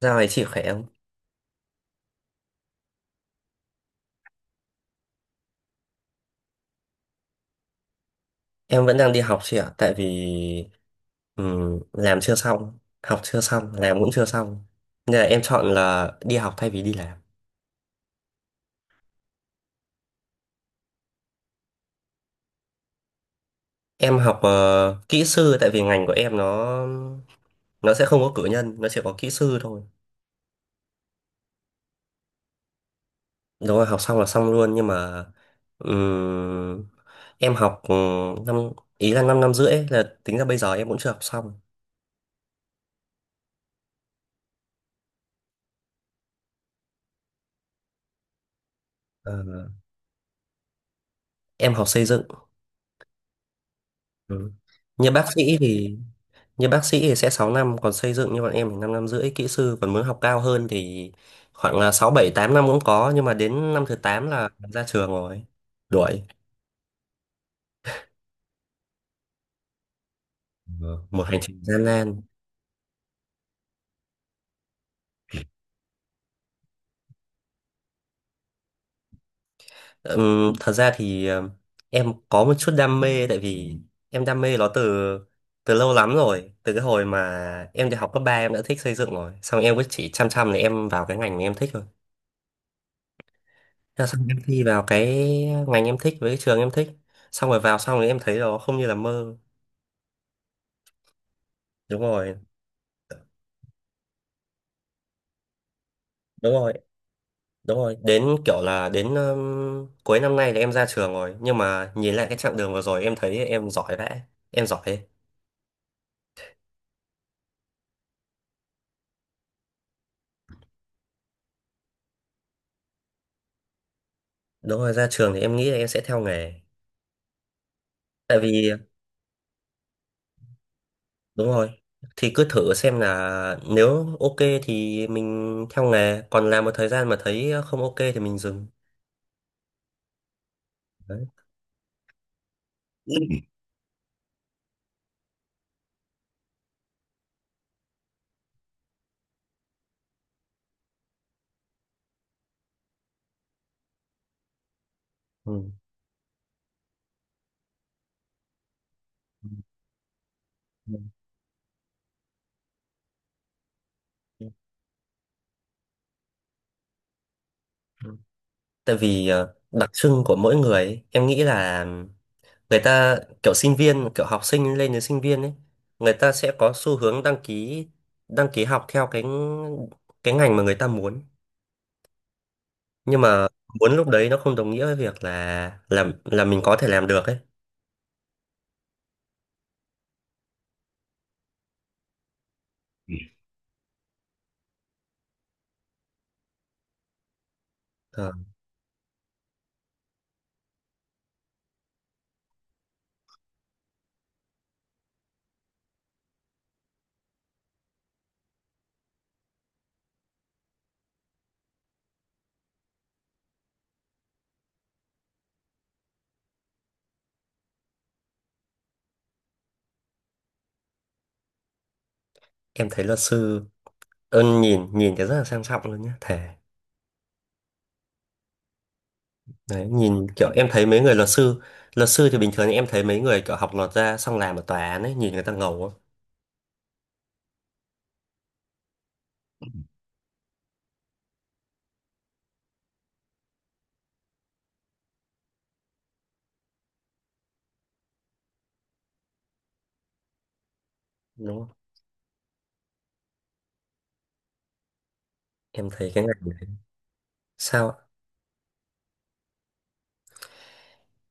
Dạo này chị khỏe không? Em vẫn đang đi học chị ạ, tại vì làm chưa xong, học chưa xong, làm cũng chưa xong. Nên là em chọn là đi học thay vì đi làm. Em học kỹ sư tại vì ngành của em nó sẽ không có cử nhân, nó chỉ có kỹ sư thôi. Đúng rồi, học xong là xong luôn nhưng mà ừm, em học năm ý là 5 năm 5,5 ấy, là tính ra bây giờ em cũng chưa học xong. Ờ, em học xây dựng. Ừ. Như bác sĩ thì như bác sĩ thì sẽ 6 năm, còn xây dựng như bọn em thì 5 năm 5,5 kỹ sư, còn muốn học cao hơn thì khoảng là 6 7 8 năm cũng có, nhưng mà đến năm thứ 8 là ra trường rồi đuổi. Ờ, một hành trình gian nan. Thật ra thì em có một chút đam mê, tại vì em đam mê nó từ từ lâu lắm rồi, từ cái hồi mà em đi học cấp 3 em đã thích xây dựng rồi, xong em cứ chỉ chăm chăm là em vào cái ngành mà em thích thôi. Thế là xong em thi vào cái ngành em thích với cái trường em thích, xong rồi vào xong rồi em thấy nó không như là mơ. đúng rồi đúng rồi Đúng rồi, đến kiểu là đến cuối năm nay là em ra trường rồi, nhưng mà nhìn lại cái chặng đường vừa rồi em thấy em giỏi vẽ, em giỏi đúng rồi. Ra trường thì em nghĩ là em sẽ theo nghề, tại vì đúng rồi, thì cứ thử xem là nếu ok thì mình theo nghề, còn làm một thời gian mà thấy không ok thì mình dừng. Đấy. Ừ. Ừ. Ừ. Tại vì đặc trưng của mỗi người ấy, em nghĩ là người ta kiểu sinh viên, kiểu học sinh lên đến sinh viên ấy, người ta sẽ có xu hướng đăng ký, học theo cái ngành mà người ta muốn, nhưng mà muốn lúc đấy nó không đồng nghĩa với việc là làm là mình có thể làm được ấy. Ờ, em thấy luật sư ơn, nhìn nhìn cái rất là sang trọng luôn nhá, thề. Đấy nhìn, kiểu em thấy mấy người luật sư, thì bình thường em thấy mấy người kiểu học luật ra xong làm ở tòa án ấy, nhìn người ta ngầu lắm, đúng không? Em thấy cái ngành này sao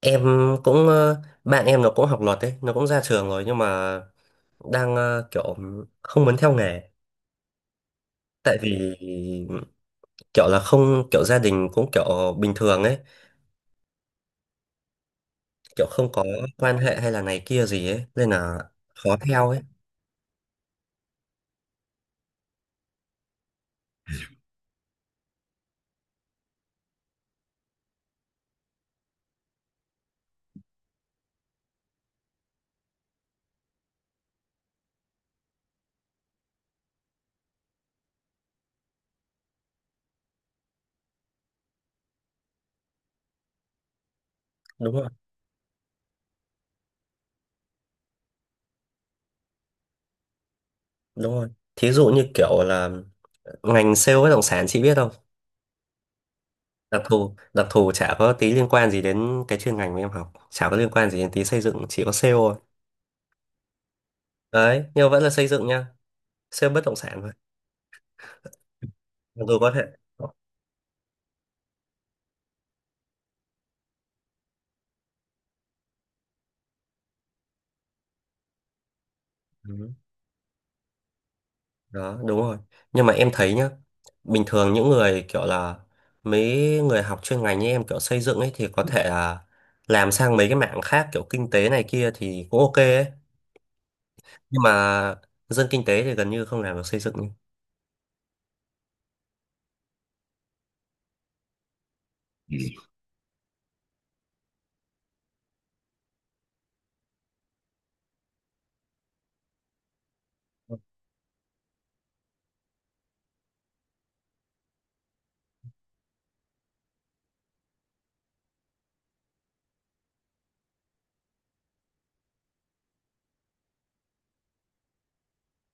em cũng bạn em nó cũng học luật đấy, nó cũng ra trường rồi, nhưng mà đang kiểu không muốn theo nghề, tại vì kiểu là không, kiểu gia đình cũng kiểu bình thường ấy, kiểu không có quan hệ hay là này kia gì ấy nên là khó theo ấy. Đúng rồi. Đúng rồi, thí dụ như kiểu là ngành sale bất động sản chị biết không? Đặc thù, chả có tí liên quan gì đến cái chuyên ngành mà em học, chả có liên quan gì đến tí xây dựng, chỉ có sale thôi. Đấy, nhưng mà vẫn là xây dựng nha, sale bất động sản thôi, mặc dù có thể. Ừ, đó đúng rồi, nhưng mà em thấy nhá, bình thường những người kiểu là mấy người học chuyên ngành như em kiểu xây dựng ấy thì có thể là làm sang mấy cái mảng khác, kiểu kinh tế này kia thì cũng ok ấy, nhưng mà dân kinh tế thì gần như không làm được xây dựng.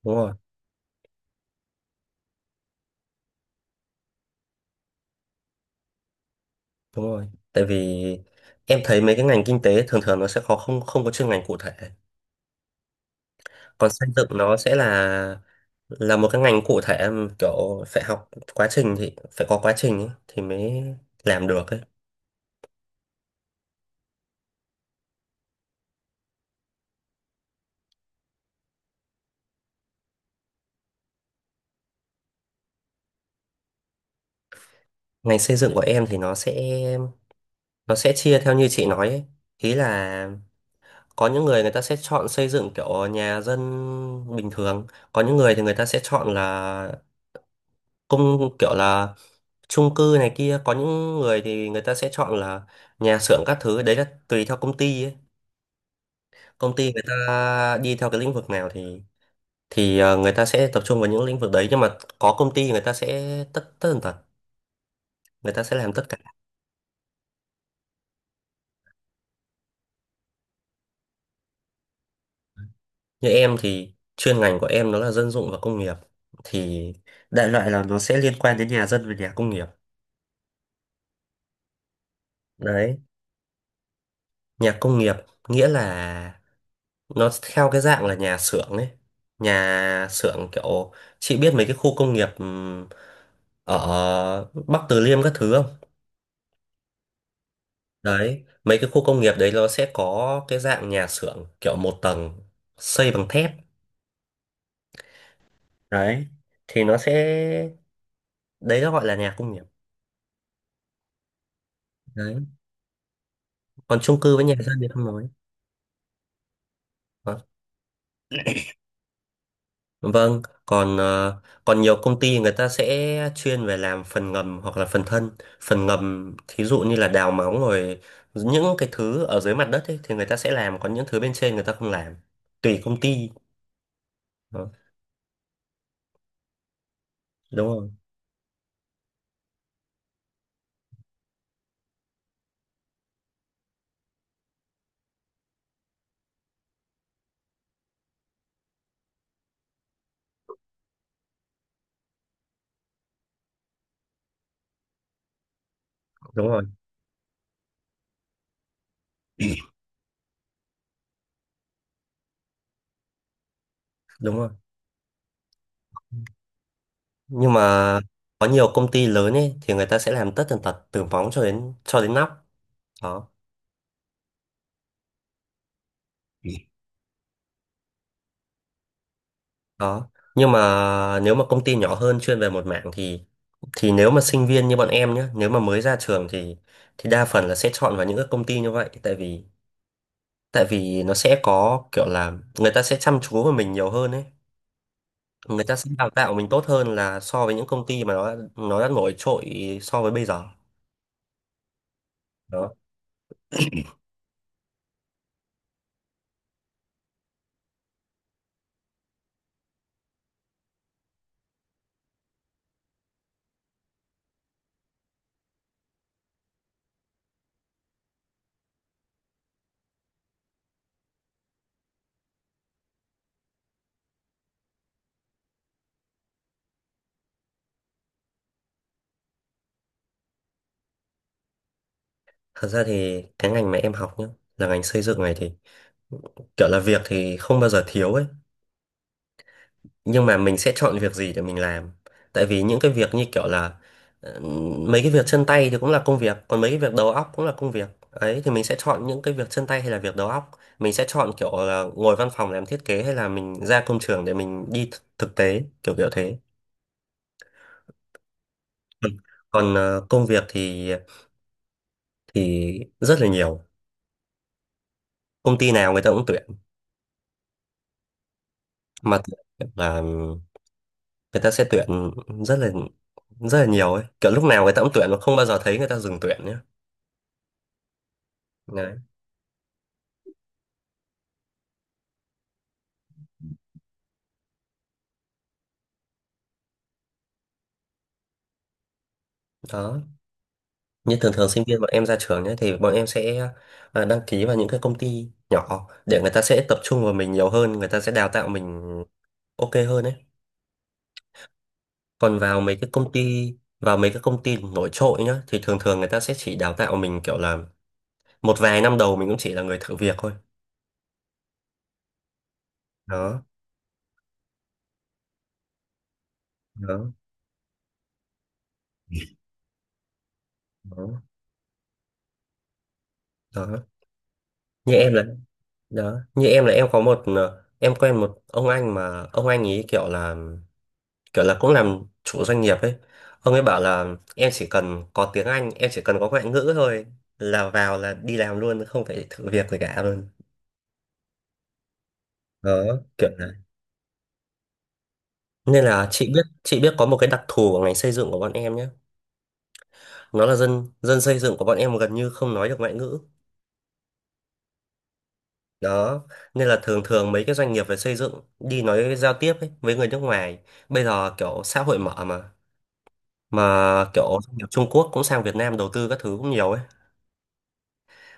Đúng rồi. đúng rồi Tại vì em thấy mấy cái ngành kinh tế thường thường nó sẽ khó, không không có chuyên ngành cụ thể, còn xây dựng nó sẽ là một cái ngành cụ thể mà kiểu phải học quá trình, thì phải có quá trình ấy, thì mới làm được ấy. Ngành xây dựng của em thì nó sẽ chia theo như chị nói ấy. Ý là có những người người ta sẽ chọn xây dựng kiểu nhà dân bình thường, có những người thì người ta sẽ chọn là công, kiểu là chung cư này kia, có những người thì người ta sẽ chọn là nhà xưởng các thứ, đấy là tùy theo công ty ấy. Công ty người ta đi theo cái lĩnh vực nào thì người ta sẽ tập trung vào những lĩnh vực đấy, nhưng mà có công ty người ta sẽ tất, người ta sẽ làm tất cả. Như em thì chuyên ngành của em nó là dân dụng và công nghiệp, thì đại loại là nó sẽ liên quan đến nhà dân và nhà công nghiệp. Đấy. Nhà công nghiệp nghĩa là nó theo cái dạng là nhà xưởng ấy, nhà xưởng kiểu chị biết mấy cái khu công nghiệp ở Bắc Từ Liêm các thứ không? Đấy, mấy cái khu công nghiệp đấy nó sẽ có cái dạng nhà xưởng kiểu một tầng xây bằng thép. Đấy, thì nó sẽ, đấy nó gọi là nhà công nghiệp. Đấy, còn chung cư với nhà dân thì không nói. Ờ. Vâng, còn còn nhiều công ty người ta sẽ chuyên về làm phần ngầm hoặc là phần thân. Phần ngầm thí dụ như là đào móng rồi những cái thứ ở dưới mặt đất ấy, thì người ta sẽ làm, còn những thứ bên trên người ta không làm. Tùy công ty. Đó, đúng rồi, đúng rồi, đúng rồi. Nhưng mà có nhiều công ty lớn ấy thì người ta sẽ làm tất tần tật từ móng cho đến nóc. Đó. Đó, nhưng mà nếu mà công ty nhỏ hơn chuyên về một mảng, thì nếu mà sinh viên như bọn em nhé, nếu mà mới ra trường thì đa phần là sẽ chọn vào những cái công ty như vậy, tại vì nó sẽ có kiểu là người ta sẽ chăm chú vào mình nhiều hơn ấy, người ta sẽ đào tạo mình tốt hơn là so với những công ty mà nó đã nổi trội so với bây giờ. Đó. Thật ra thì cái ngành mà em học nhé, là ngành xây dựng này, thì kiểu là việc thì không bao giờ thiếu ấy, nhưng mà mình sẽ chọn việc gì để mình làm. Tại vì những cái việc như kiểu là ờ, mấy cái việc chân tay thì cũng là công việc, còn mấy cái việc đầu óc cũng là công việc ấy, thì mình sẽ chọn những cái việc chân tay hay là việc đầu óc, mình sẽ chọn kiểu là ngồi văn phòng làm thiết kế hay là mình ra công trường để mình đi thực tế, kiểu kiểu thế. Ừ. Còn công việc thì thì rất là nhiều, công ty nào người ta cũng tuyển, mà tuyển là người ta sẽ tuyển rất là rất là nhiều ấy, kiểu lúc nào người ta cũng tuyển mà không bao giờ thấy người ta dừng tuyển nhé. Đấy. Đó. Như thường thường sinh viên bọn em ra trường nhé, thì bọn em sẽ đăng ký vào những cái công ty nhỏ để người ta sẽ tập trung vào mình nhiều hơn, người ta sẽ đào tạo mình ok hơn. Đấy. Còn vào mấy cái công ty Vào mấy cái công ty nổi trội nhá thì thường thường người ta sẽ chỉ đào tạo mình kiểu là một vài năm đầu, mình cũng chỉ là người thử việc thôi. Đó, đó, đó, đó. Như em là đó, như em là em có một em quen một ông anh mà ông anh ấy kiểu là cũng làm chủ doanh nghiệp ấy, ông ấy bảo là em chỉ cần có tiếng Anh, em chỉ cần có ngoại ngữ thôi, là vào là đi làm luôn không phải thử việc gì cả luôn. Đó, kiểu là, nên là chị biết, có một cái đặc thù của ngành xây dựng của bọn em nhé, nó là dân dân xây dựng của bọn em gần như không nói được ngoại ngữ. Đó, nên là thường thường mấy cái doanh nghiệp về xây dựng đi nói giao tiếp ấy, với người nước ngoài, bây giờ kiểu xã hội mở mà kiểu doanh nghiệp Trung Quốc cũng sang Việt Nam đầu tư các thứ cũng nhiều ấy.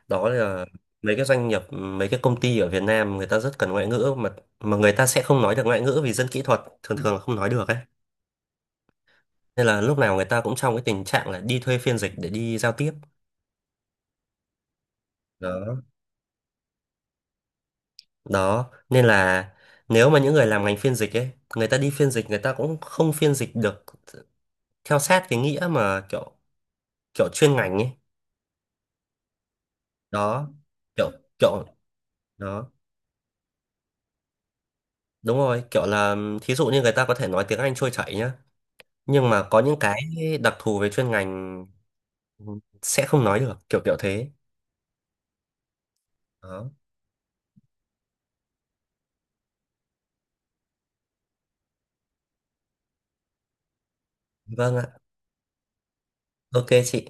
Đó là mấy cái doanh nghiệp, mấy cái công ty ở Việt Nam người ta rất cần ngoại ngữ, mà người ta sẽ không nói được ngoại ngữ, vì dân kỹ thuật thường thường là không nói được ấy, nên là lúc nào người ta cũng trong cái tình trạng là đi thuê phiên dịch để đi giao tiếp. Đó. Đó nên là nếu mà những người làm ngành phiên dịch ấy, người ta đi phiên dịch người ta cũng không phiên dịch được theo sát cái nghĩa mà kiểu kiểu chuyên ngành ấy. Đó, kiểu kiểu đó đúng rồi, kiểu là thí dụ như người ta có thể nói tiếng Anh trôi chảy nhá, nhưng mà có những cái đặc thù về chuyên ngành sẽ không nói được, kiểu kiểu thế. Đó. Vâng ạ. Ok chị.